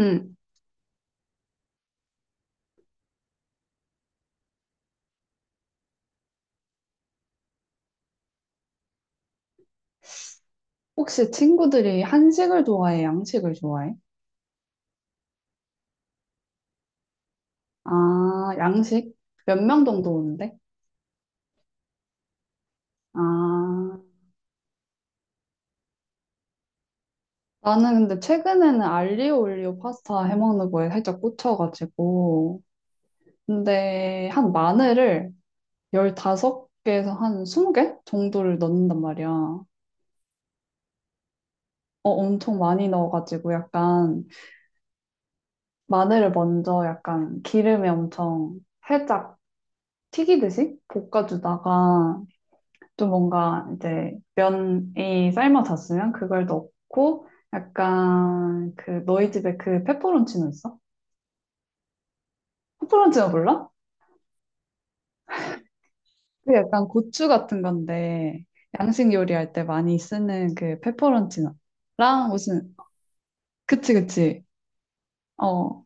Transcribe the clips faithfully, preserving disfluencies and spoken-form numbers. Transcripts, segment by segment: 응. 혹시 친구들이 한식을 좋아해, 양식을 좋아해? 아, 양식? 몇 명 정도 오는데? 아, 나는 근데 최근에는 알리오 올리오 파스타 해먹는 거에 살짝 꽂혀가지고. 근데 한 마늘을 열다섯 개에서 한 스무 개 정도를 넣는단 말이야. 어, 엄청 많이 넣어가지고 약간 마늘을 먼저 약간 기름에 엄청 살짝 튀기듯이 볶아주다가 또 뭔가 이제 면이 삶아졌으면 그걸 넣고 약간 그 너희 집에 그 페퍼론치노 있어? 페퍼론치노 몰라? 그 약간 고추 같은 건데 양식 요리할 때 많이 쓰는 그 페퍼론치노랑 무슨 그치 그치. 어,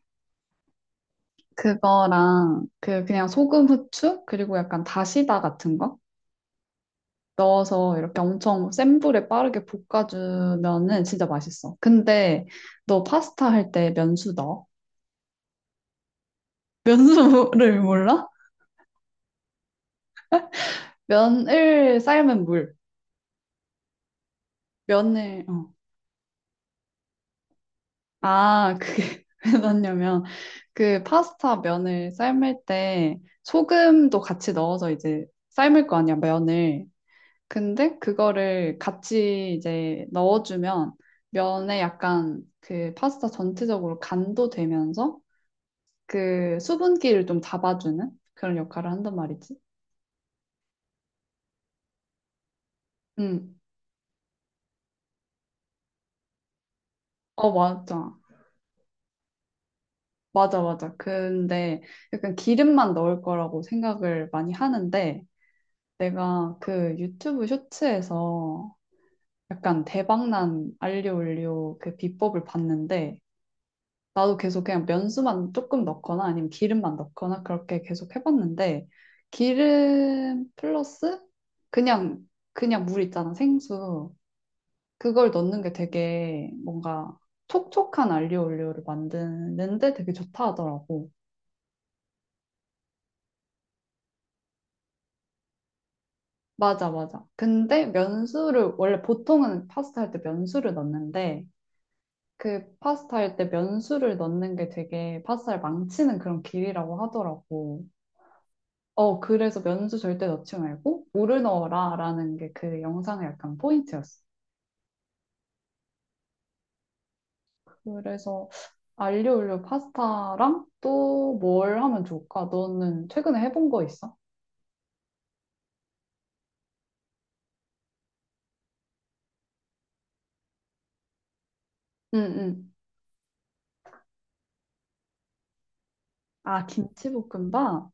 그거랑 그 그냥 소금 후추 그리고 약간 다시다 같은 거 넣어서 이렇게 엄청 센 불에 빠르게 볶아주면은 진짜 맛있어. 근데 너 파스타 할 때 면수 넣어? 면수를 몰라? 면을 삶은 물. 면을, 어. 아, 그게 왜 넣냐면, 그 파스타 면을 삶을 때 소금도 같이 넣어서 이제 삶을 거 아니야, 면을. 근데 그거를 같이 이제 넣어주면 면에 약간 그 파스타 전체적으로 간도 되면서 그 수분기를 좀 잡아주는 그런 역할을 한단 말이지. 응. 어, 맞아. 맞아, 맞아. 근데 약간 기름만 넣을 거라고 생각을 많이 하는데 내가 그 유튜브 쇼츠에서 약간 대박난 알리오 올리오 그 비법을 봤는데 나도 계속 그냥 면수만 조금 넣거나 아니면 기름만 넣거나 그렇게 계속 해봤는데 기름 플러스 그냥 그냥 물 있잖아 생수. 그걸 넣는 게 되게 뭔가 촉촉한 알리오 올리오를 만드는데 되게 좋다 하더라고. 맞아, 맞아. 근데 면수를, 원래 보통은 파스타 할 때 면수를 넣는데, 그 파스타 할 때 면수를 넣는 게 되게 파스타를 망치는 그런 길이라고 하더라고. 어, 그래서 면수 절대 넣지 말고, 물을 넣어라 라는 게 그 영상의 약간 포인트였어. 그래서 알리오 올리오 파스타랑 또 뭘 하면 좋을까? 너는 최근에 해본 거 있어? 응, 응. 아, 김치볶음밥?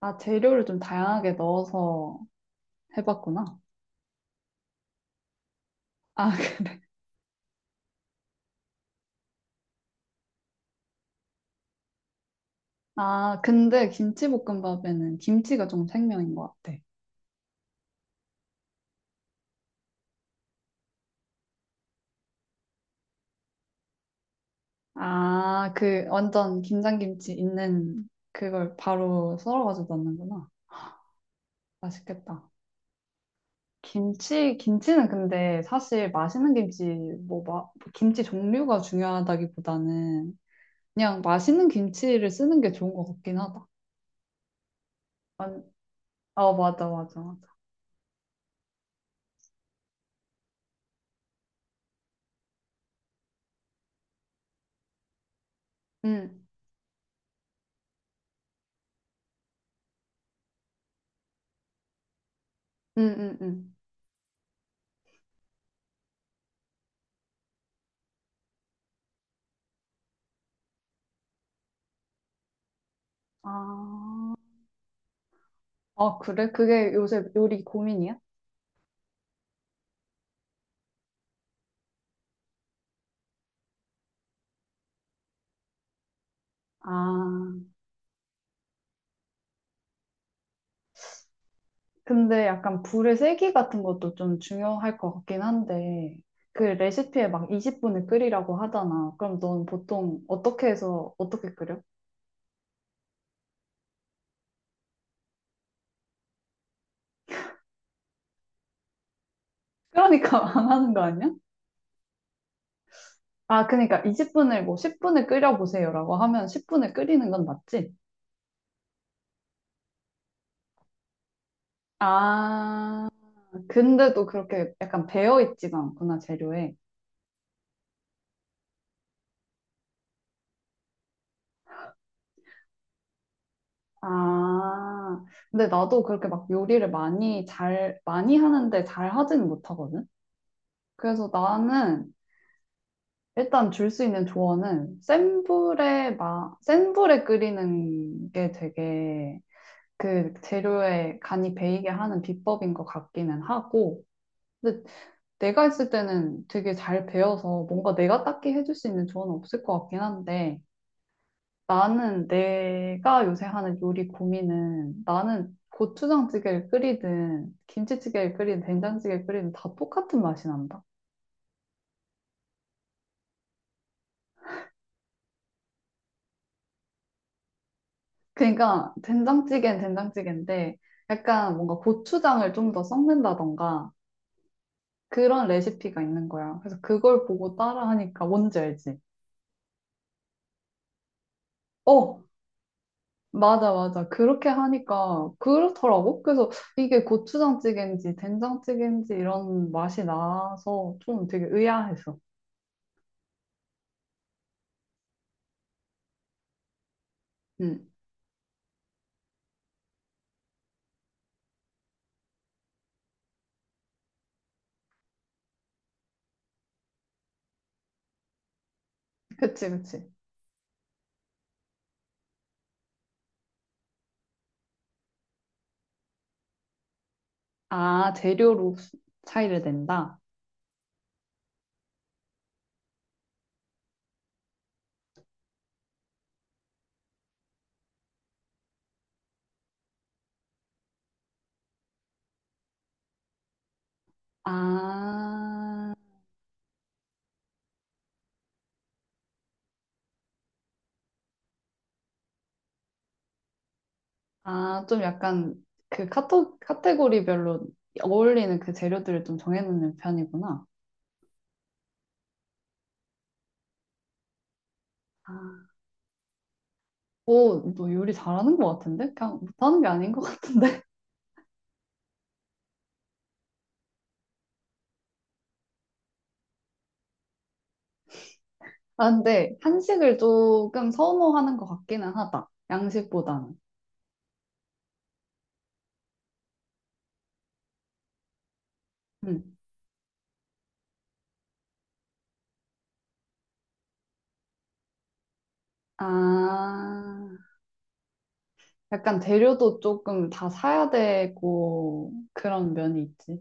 아, 재료를 좀 다양하게 넣어서 해봤구나. 아, 아, 근데 김치볶음밥에는 김치가 좀 생명인 것 같아. 아, 그 완전 김장김치 있는 그걸 바로 썰어가지고 넣는구나. 맛있겠다. 김치, 김치는 근데 사실 맛있는 김치, 뭐, 마, 김치 종류가 중요하다기보다는 그냥 맛있는 김치를 쓰는 게 좋은 것 같긴 하다. 완- 어, 맞아, 맞아, 맞아. 응, 응, 응, 응. 아, 아, 그래? 그게 요새 요리 고민이야? 아. 근데 약간 불의 세기 같은 것도 좀 중요할 것 같긴 한데, 그 레시피에 막 이십 분을 끓이라고 하잖아. 그럼 넌 보통 어떻게 해서 어떻게 끓여? 그러니까 망하는 거 아니야? 아, 그러니까 이십 분을 뭐 십 분을 끓여보세요라고 하면 십 분을 끓이는 건 맞지? 아, 근데도 그렇게 약간 배어있지가 않구나, 재료에. 아, 근데 나도 그렇게 막 요리를 많이 잘, 많이 하는데 잘 하지는 못하거든? 그래서 나는 일단 줄 수 있는 조언은 센 불에 막, 센 불에 끓이는 게 되게 그 재료에 간이 배이게 하는 비법인 것 같기는 하고, 근데 내가 했을 때는 되게 잘 배워서 뭔가 내가 딱히 해줄 수 있는 조언은 없을 것 같긴 한데, 나는 내가 요새 하는 요리 고민은 나는 고추장찌개를 끓이든 김치찌개를 끓이든 된장찌개를 끓이든 다 똑같은 맛이 난다. 그러니까 된장찌개는 된장찌개인데 약간 뭔가 고추장을 좀 더 섞는다던가 그런 레시피가 있는 거야. 그래서 그걸 보고 따라하니까 뭔지 알지? 어, 맞아, 맞아. 그렇게 하니까 그렇더라고. 그래서 이게 고추장찌개인지 된장찌개인지 이런 맛이 나서 좀 되게 의아했어. 응, 그치, 그치. 아, 재료로 차이를 낸다? 아. 아, 좀 약간 그 카톡, 카테고리별로 어울리는 그 재료들을 좀 정해놓는 편이구나. 아. 오, 너 요리 잘하는 것 같은데? 그냥 못하는 게 아닌 것 같은데? 아, 근데 한식을 조금 선호하는 것 같기는 하다. 양식보다는. 음. 아, 약간 재료도 조금 다 사야 되고 그런 면이 있지.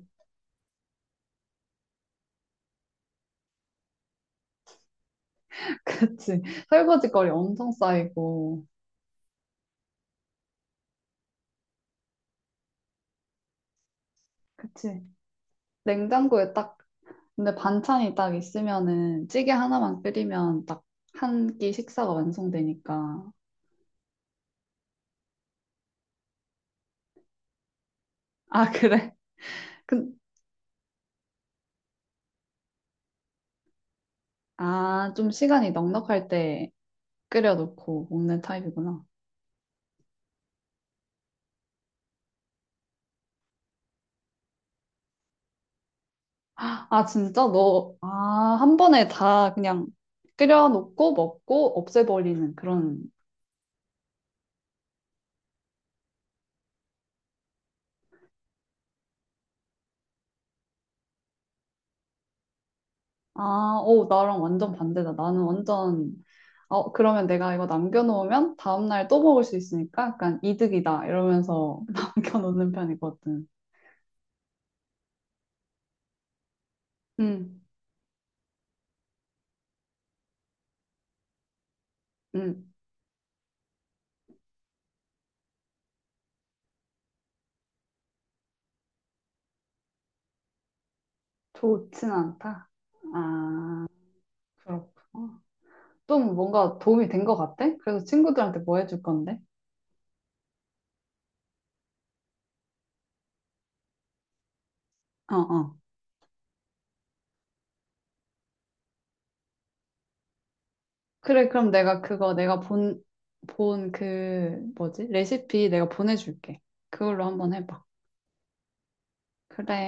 그치. 설거지거리 엄청 쌓이고. 그치. 냉장고에 딱. 근데 반찬이 딱 있으면은 찌개 하나만 끓이면 딱 한 끼 식사가 완성되니까. 아, 그래? 그, 아, 좀 시간이 넉넉할 때 끓여놓고 먹는 타입이구나. 아, 진짜 너, 아, 한 번에 다 그냥 끓여놓고 먹고 없애버리는 그런. 아, 오, 나랑 완전 반대다. 나는 완전, 어, 그러면 내가 이거 남겨놓으면 다음날 또 먹을 수 있으니까 약간 이득이다. 이러면서 남겨놓는 편이거든. 음. 음, 좋진 않다. 아, 그렇구나. 좀 뭔가 도움이 된 것 같아? 그래서 친구들한테 뭐 해줄 건데? 어, 어. 그래, 그럼 내가 그거 내가 본, 본 그, 뭐지? 레시피 내가 보내줄게. 그걸로 한번 해봐. 그래.